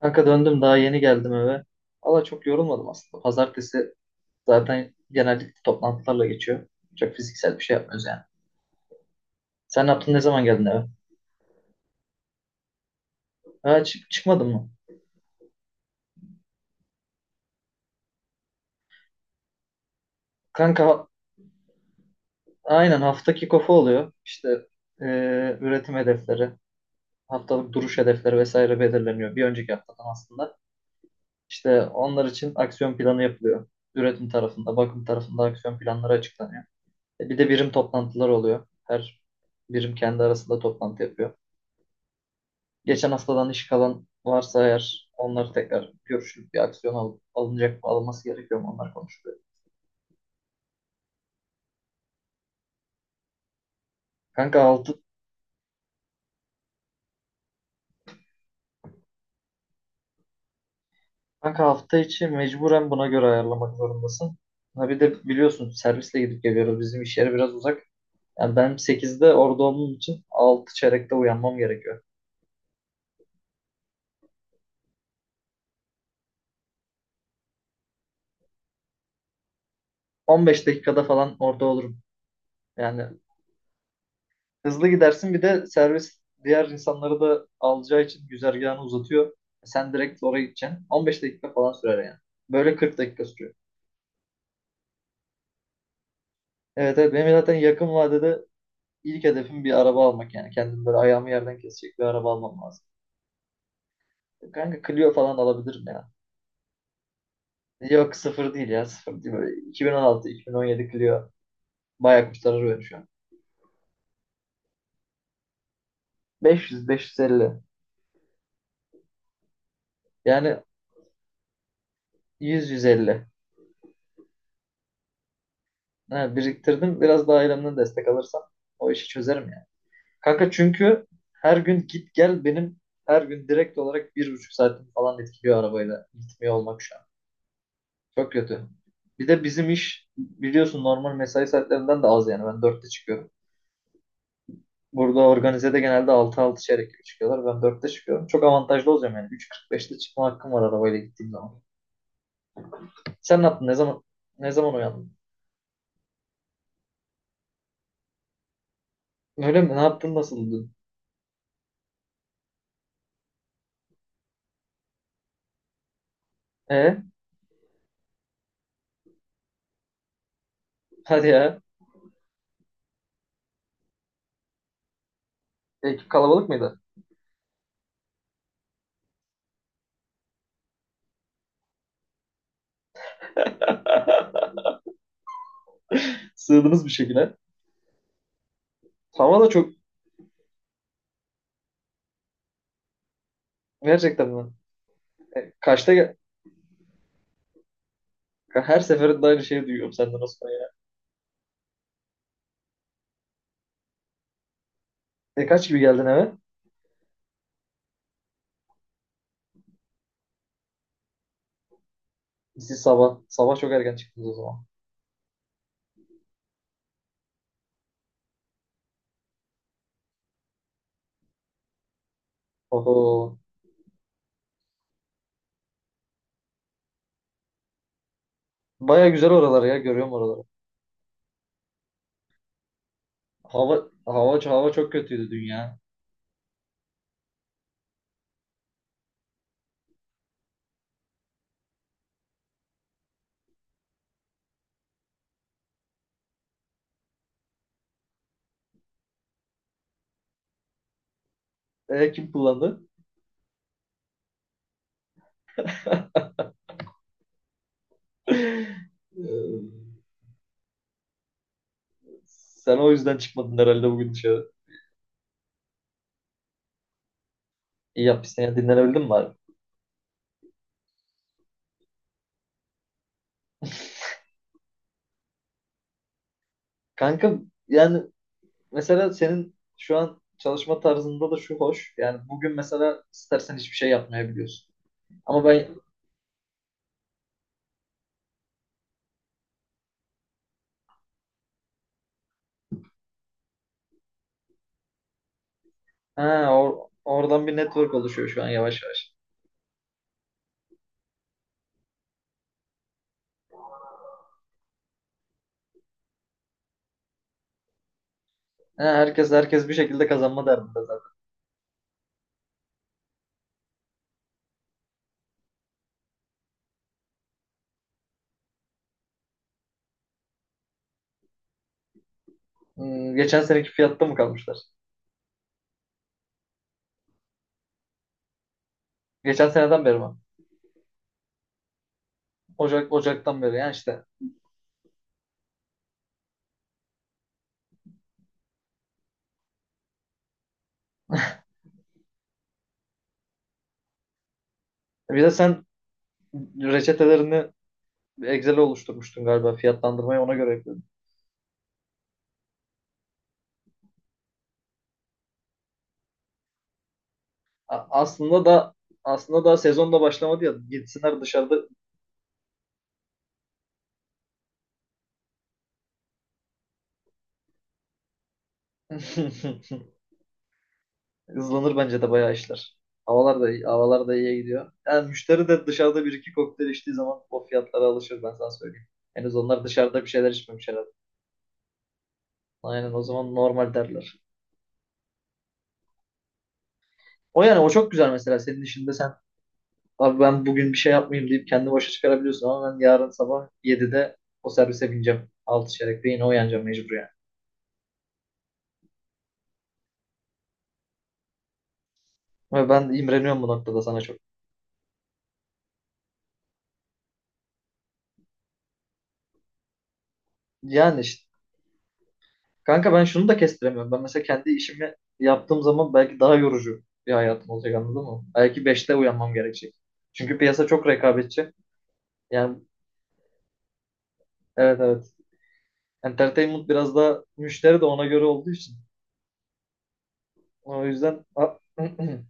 Kanka döndüm daha yeni geldim eve. Valla çok yorulmadım aslında. Pazartesi zaten genellikle toplantılarla geçiyor. Çok fiziksel bir şey yapmıyoruz yani. Sen ne yaptın, ne zaman geldin eve? Ha, çıkmadın mı? Kanka aynen hafta kick-off'u oluyor. İşte üretim hedefleri, haftalık duruş hedefleri vesaire belirleniyor. Bir önceki haftadan aslında. İşte onlar için aksiyon planı yapılıyor. Üretim tarafında, bakım tarafında aksiyon planları açıklanıyor. E, bir de birim toplantılar oluyor. Her birim kendi arasında toplantı yapıyor. Geçen haftadan iş kalan varsa eğer onları tekrar görüşüp bir aksiyon alınacak mı, alınması gerekiyor mu, onlar konuşuluyor. Kanka, altı, kanka, hafta içi mecburen buna göre ayarlamak zorundasın. Ha bir de biliyorsun servisle gidip geliyoruz. Bizim iş yeri biraz uzak. Yani ben sekizde orada olduğum için 6 çeyrekte uyanmam gerekiyor. 15 dakikada falan orada olurum. Yani hızlı gidersin, bir de servis diğer insanları da alacağı için güzergahını uzatıyor. Sen direkt oraya gideceksin. 15 dakika falan sürer yani. Böyle 40 dakika sürüyor. Evet, evet, benim zaten yakın vadede ilk hedefim bir araba almak yani. Kendim böyle ayağımı yerden kesecek bir araba almam lazım. Kanka Clio falan alabilirim ya. Yok sıfır değil ya, sıfır değil. Böyle 2016-2017 Clio bayağı kurtarır beni şu an. 500-550 yani. 100-150. Ha, biriktirdim, biraz daha ailemden destek alırsam o işi çözerim ya. Kanka çünkü her gün git gel, benim her gün direkt olarak 1,5 saatim falan etkiliyor arabayla gitmiyor olmak şu an. Çok kötü. Bir de bizim iş biliyorsun normal mesai saatlerinden de az yani. Ben dörtte çıkıyorum. Burada organizede genelde altı, altı çeyrek gibi çıkıyorlar. Ben dörtte çıkıyorum. Çok avantajlı olacağım yani. 3:45'te çıkma hakkım var arabayla gittiğim zaman. Sen ne yaptın? Ne zaman uyandın? Öyle mi? Ne yaptın? Nasıldı? E? Hadi ya. Ekip kalabalık mıydı? Sığdınız bir şekilde. Hava da çok. Gerçekten mi? E, kaçta? Her seferinde aynı şeyi duyuyorum senden, Osman ya. E, kaç gibi geldin eve? Siz sabah. Sabah çok erken çıktınız o zaman. Oho. Baya güzel oralar ya. Görüyorum oraları. Hava çok kötüydü dün ya. E, kim kullandı? Ee, Sen o yüzden çıkmadın herhalde bugün dışarı. İyi yapmışsın ya. Dinlenebildin mi bari? Kanka, yani mesela senin şu an çalışma tarzında da şu hoş. Yani bugün mesela istersen hiçbir şey yapmayabiliyorsun. Ama ben, ha, oradan bir network oluşuyor şu an yavaş yavaş. He, herkes bir şekilde kazanma derdinde zaten. Hmm, geçen seneki fiyatta mı kalmışlar? Geçen seneden beri mi? Ocak'tan beri yani işte. Bir de sen reçetelerini Excel'e oluşturmuştun galiba, fiyatlandırmayı ona göre yapıyordun. A- aslında da aslında daha sezon da başlamadı ya. Gitsinler dışarıda. Hızlanır bence de bayağı işler. Havalar da iyi, havalar da iyiye gidiyor. Yani müşteri de dışarıda bir iki kokteyl içtiği zaman o fiyatlara alışır, ben sana söyleyeyim. Henüz onlar dışarıda bir şeyler içmemiş herhalde. Aynen, o zaman normal derler. O yani, o çok güzel mesela senin işinde. Sen, abi ben bugün bir şey yapmayayım deyip kendi başa çıkarabiliyorsun ama ben yarın sabah 7'de o servise bineceğim. 6 çeyrekte yine uyanacağım mecbur yani. Ve ben imreniyorum bu noktada sana çok. Yani işte kanka, ben şunu da kestiremiyorum. Ben mesela kendi işimi yaptığım zaman belki daha yorucu bir hayatım olacak, anladın mı? Belki beşte uyanmam gerekecek. Çünkü piyasa çok rekabetçi. Yani evet, evet. Entertainment biraz daha, müşteri de ona göre olduğu için. O yüzden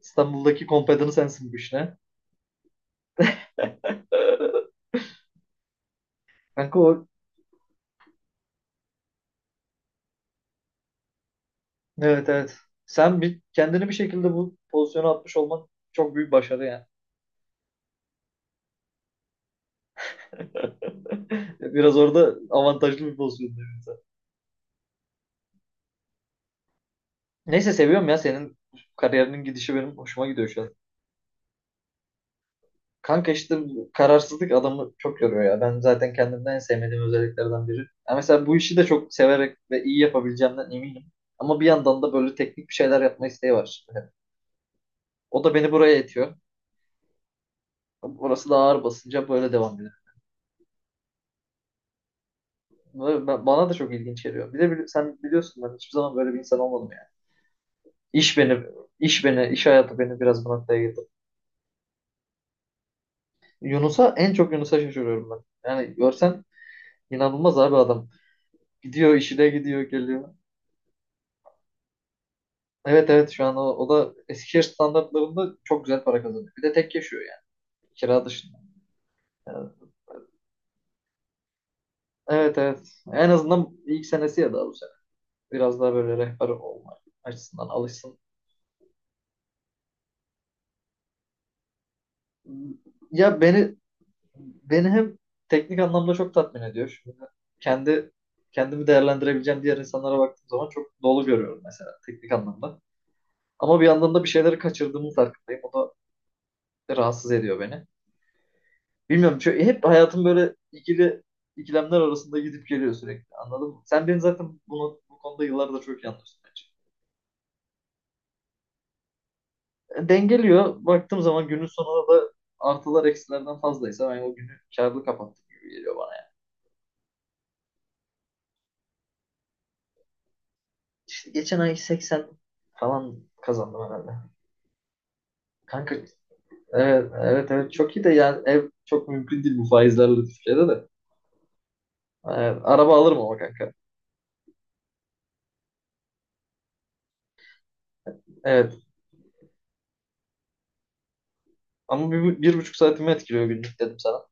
İstanbul'daki kompedanı sensin bu işine. Kanka, o, evet evet. Sen kendini bir şekilde bu pozisyona atmış olman çok büyük başarı yani. Biraz orada avantajlı bir pozisyon. Neyse, seviyorum ya senin kariyerinin gidişi, benim hoşuma gidiyor şu an. Kanka işte bu kararsızlık adamı çok yoruyor ya. Ben zaten kendimden en sevmediğim özelliklerden biri. Ya mesela bu işi de çok severek ve iyi yapabileceğimden eminim. Ama bir yandan da böyle teknik bir şeyler yapma isteği var şimdi. O da beni buraya itiyor. Burası da ağır basınca böyle devam ediyor. Bana da çok ilginç geliyor. Bir de sen biliyorsun, ben hiçbir zaman böyle bir insan olmadım yani. İş beni, iş hayatı beni biraz bu noktaya getirdi. Yunus'a, en çok Yunus'a şaşırıyorum ben. Yani görsen, inanılmaz abi adam. Gidiyor, işi de gidiyor, geliyor. Evet evet, şu an o da Eskişehir standartlarında çok güzel para kazanıyor. Bir de tek yaşıyor yani. Kira dışında. Yani evet, evet. En azından ilk senesi ya, daha bu sene. Biraz daha böyle rehber olma açısından alışsın. Ya, beni hem teknik anlamda çok tatmin ediyor. Şimdi kendi kendimi değerlendirebileceğim diğer insanlara baktığım zaman çok dolu görüyorum mesela teknik anlamda. Ama bir yandan da bir şeyleri kaçırdığımın farkındayım. O da rahatsız ediyor beni. Bilmiyorum, çünkü hep hayatım böyle ikilemler arasında gidip geliyor sürekli. Anladın mı? Sen beni zaten bu konuda yıllardır çok iyi anlıyorsun bence. E, dengeliyor. Baktığım zaman günün sonunda da artılar eksilerden fazlaysa ben o günü kârlı kapattım gibi geliyor bana. Yani. İşte geçen ay 80 falan kazandım herhalde. Kanka evet, evet, evet, çok iyi de yani ev çok mümkün değil bu faizlerle Türkiye'de de. Araba alırım ama kanka. Evet, ama bir buçuk saatimi etkiliyor günlük, dedim sana.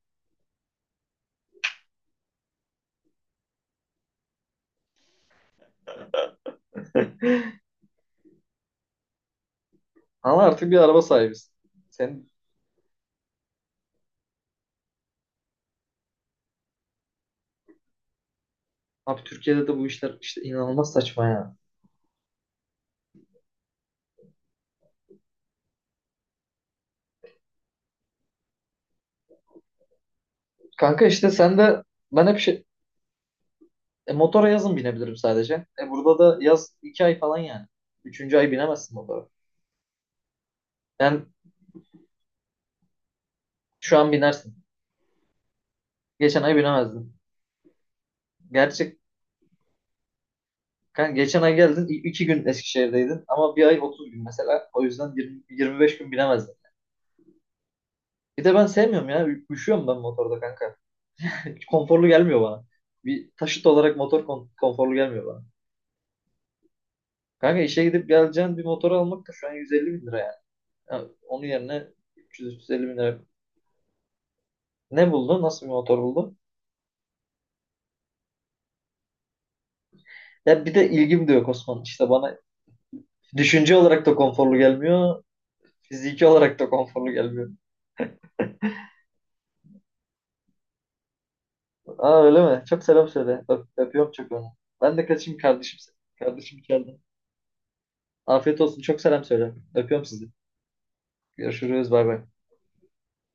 Ama artık bir araba sahibisin. Sen, abi Türkiye'de de bu işler işte inanılmaz saçma ya. Kanka işte sen de, ben hep motora yazın binebilirim sadece. E, burada da yaz 2 ay falan yani. Üçüncü ay binemezsin motora. Yani şu an binersin. Geçen ay binemezdin. Gerçi, kanka geçen ay geldin. 2 gün Eskişehir'deydin. Ama bir ay 30 gün mesela. O yüzden 20-25 gün binemezdim. Bir de ben sevmiyorum ya. Üşüyorum ben motorda kanka. Hiç konforlu gelmiyor bana. Bir taşıt olarak motor konforlu gelmiyor bana. Kanka işe gidip geleceğin bir motor almak da şu an 150 bin lira yani. Ya onun yerine üç yüz elli bin lira. Ne buldun? Nasıl bir motor buldun? Ya bir de ilgim de yok Osman. İşte bana düşünce olarak da konforlu gelmiyor. Fiziki olarak da konforlu gelmiyor. Aa, öyle mi? Çok selam söyle. Öpüyorum çok onu. Ben de kaçayım kardeşim. Kardeşim geldi. Afiyet olsun. Çok selam söyle. Öpüyorum sizi. Görüşürüz. Bay bay.